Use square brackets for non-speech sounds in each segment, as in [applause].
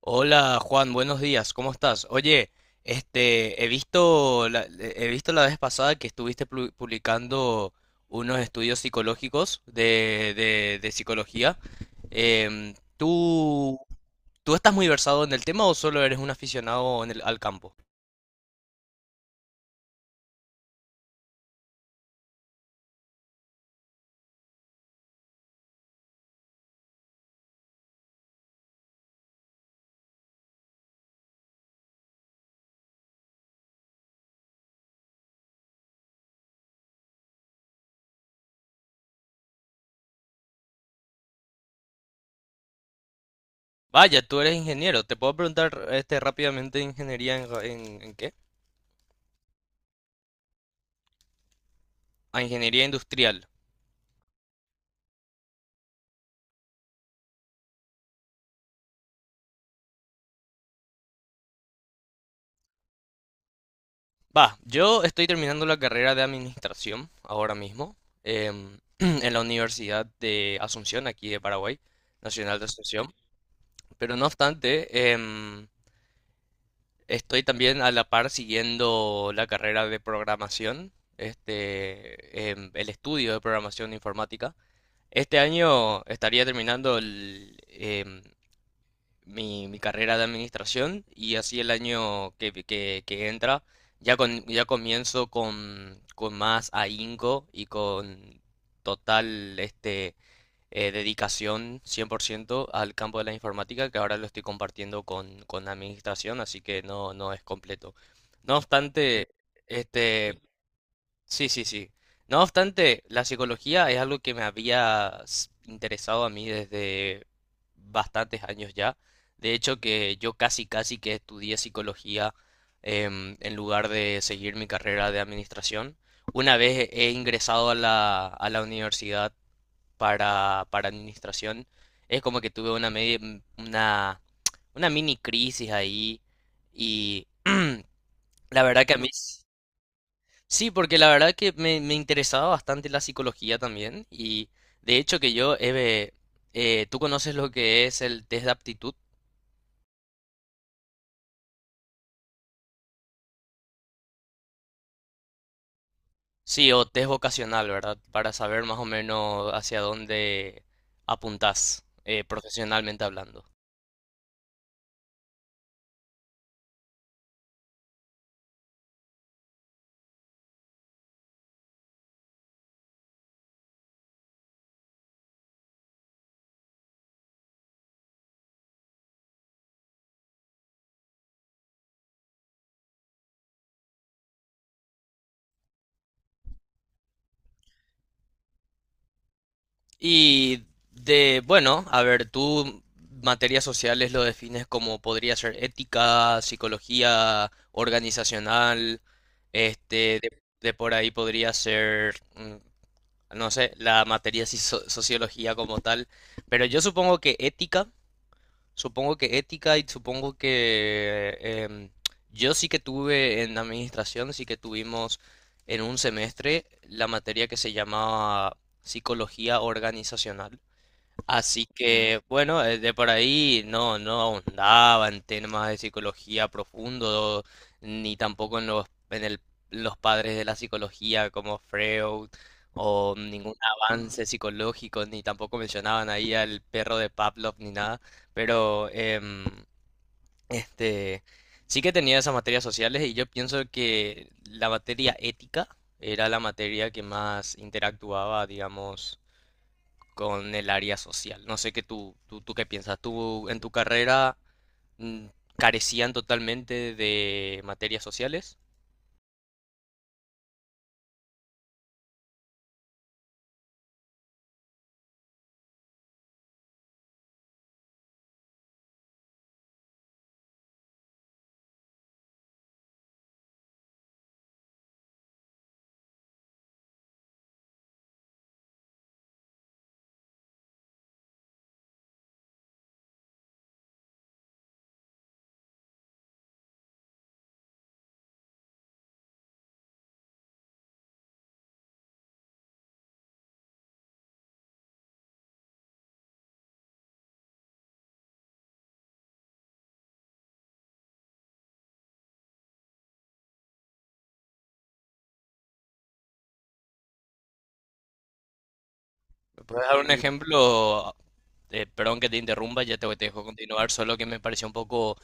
Hola Juan, buenos días, ¿cómo estás? Oye, he visto he visto la vez pasada que estuviste publicando unos estudios psicológicos de psicología. ¿Tú, tú estás muy versado en el tema o solo eres un aficionado en al campo? Vaya, tú eres ingeniero. ¿Te puedo preguntar rápidamente ingeniería en, en qué? Ah, ingeniería industrial. Va, yo estoy terminando la carrera de administración ahora mismo [clears throat] en la Universidad de Asunción, aquí de Paraguay, Nacional de Asunción. Pero no obstante, estoy también a la par siguiendo la carrera de programación, el estudio de programación informática. Este año estaría terminando mi carrera de administración y así el año que entra ya, ya comienzo con más ahínco y con total dedicación 100% al campo de la informática que ahora lo estoy compartiendo con administración, así que no, no es completo. No obstante, este, sí, sí, sí. No obstante, la psicología es algo que me había interesado a mí desde bastantes años ya. De hecho, que yo casi, casi que estudié psicología en lugar de seguir mi carrera de administración. Una vez he ingresado a a la universidad para administración, es como que tuve una, una mini crisis ahí y [clears throat] la verdad que a mí... Sí, porque la verdad que me interesaba bastante la psicología también y de hecho que yo, Eve, ¿tú conoces lo que es el test de aptitud? Sí, o test vocacional, ¿verdad? Para saber más o menos hacia dónde apuntás profesionalmente hablando. Y de, bueno, a ver, tú materias sociales lo defines como podría ser ética, psicología organizacional, este, de, de por ahí podría ser... no sé, la materia de sociología como tal, pero yo supongo que ética y supongo que yo sí que tuve en administración, sí que tuvimos en un semestre la materia que se llamaba psicología organizacional. Así que, bueno, de por ahí no, no ahondaba en temas de psicología profundo, ni tampoco en los padres de la psicología como Freud, o ningún avance psicológico, ni tampoco mencionaban ahí al perro de Pavlov ni nada, pero este, sí que tenía esas materias sociales y yo pienso que la materia ética era la materia que más interactuaba, digamos con el área social. No sé qué tú qué piensas. ¿Tú en tu carrera mm, carecían totalmente de materias sociales? ¿Me puedes dar un ejemplo? Perdón que te interrumpa, ya te dejo continuar, solo que me pareció un poco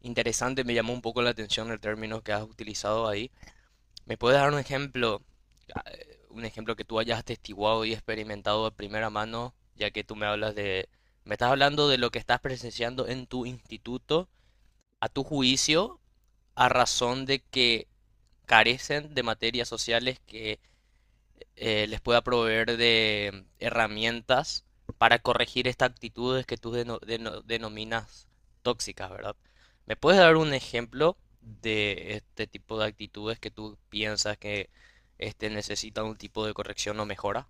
interesante, me llamó un poco la atención el término que has utilizado ahí. ¿Me puedes dar un ejemplo, un ejemplo que tú hayas atestiguado y experimentado de primera mano, ya que tú me hablas de, me estás hablando de lo que estás presenciando en tu instituto, a tu juicio? A razón de que carecen de materias sociales que les pueda proveer de herramientas para corregir estas actitudes que tú denominas tóxicas, ¿verdad? ¿Me puedes dar un ejemplo de este tipo de actitudes que tú piensas que necesitan un tipo de corrección o mejora?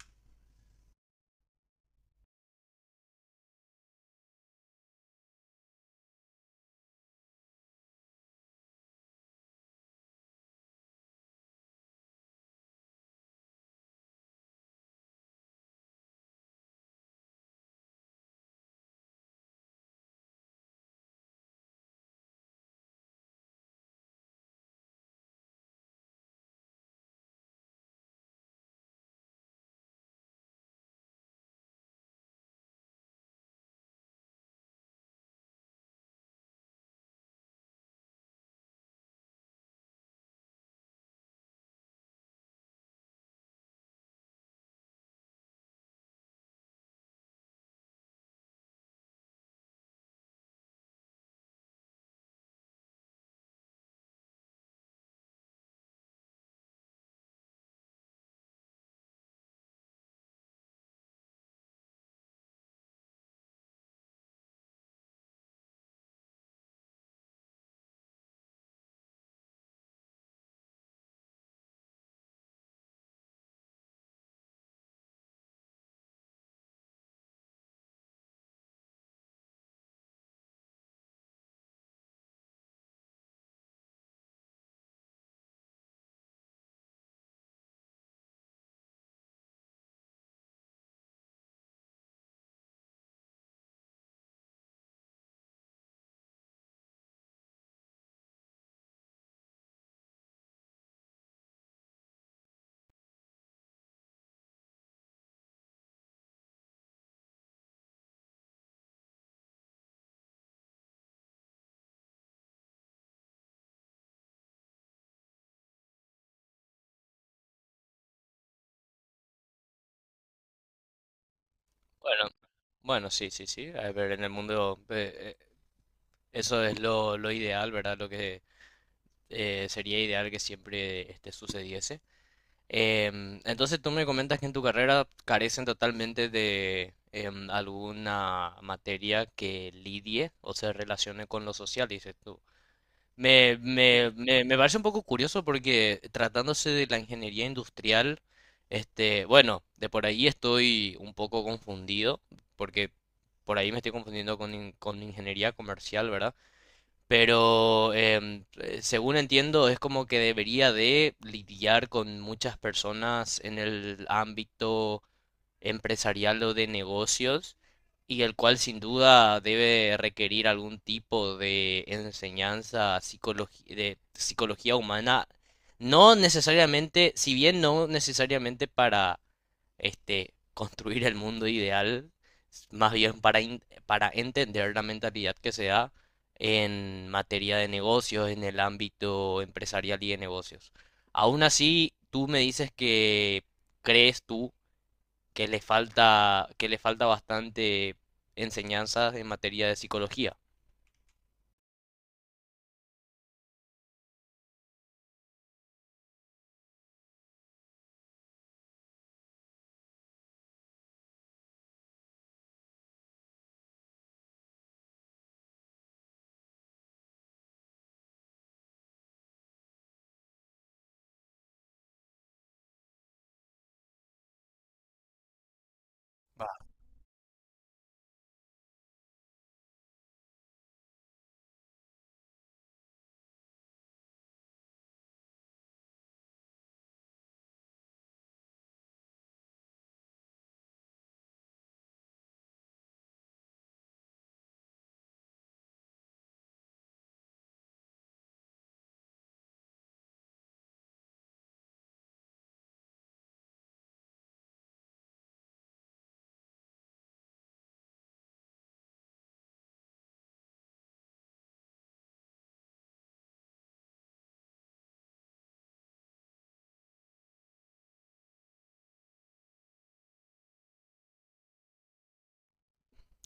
Bueno, bueno, sí, sí, sí. A ver, en el mundo eso es lo ideal, ¿verdad? Lo que sería ideal que siempre sucediese. Entonces tú me comentas que en tu carrera carecen totalmente de alguna materia que lidie o se relacione con lo social, dices tú. Me parece un poco curioso porque tratándose de la ingeniería industrial, bueno, de por ahí estoy un poco confundido, porque por ahí me estoy confundiendo con, con ingeniería comercial, ¿verdad? Pero según entiendo, es como que debería de lidiar con muchas personas en el ámbito empresarial o de negocios, y el cual sin duda debe requerir algún tipo de enseñanza de psicología humana, no necesariamente, si bien no necesariamente para construir el mundo ideal, más bien para, para entender la mentalidad que se da en materia de negocios, en el ámbito empresarial y de negocios. Aún así, tú me dices que crees tú que le falta bastante enseñanzas en materia de psicología.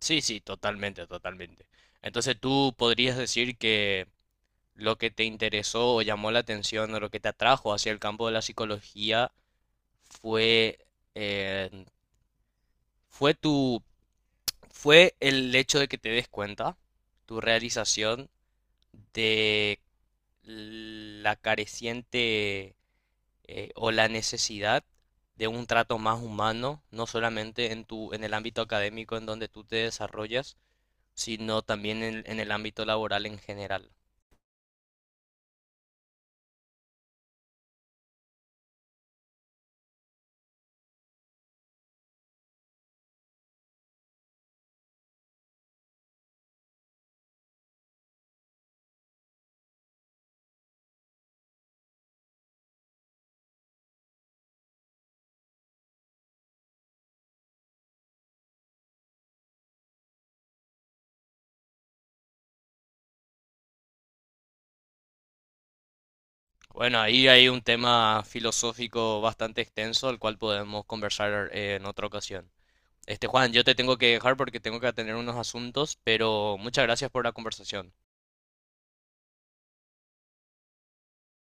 Sí, sí, totalmente, totalmente. Entonces tú podrías decir que lo que te interesó o llamó la atención o lo que te atrajo hacia el campo de la psicología fue, eh, fue tu, fue el hecho de que te des cuenta, tu realización de la careciente o la necesidad de un trato más humano, no solamente en en el ámbito académico en donde tú te desarrollas, sino también en el ámbito laboral en general. Bueno, ahí hay un tema filosófico bastante extenso, al cual podemos conversar en otra ocasión. Este, Juan, yo te tengo que dejar porque tengo que atender unos asuntos, pero muchas gracias por la conversación.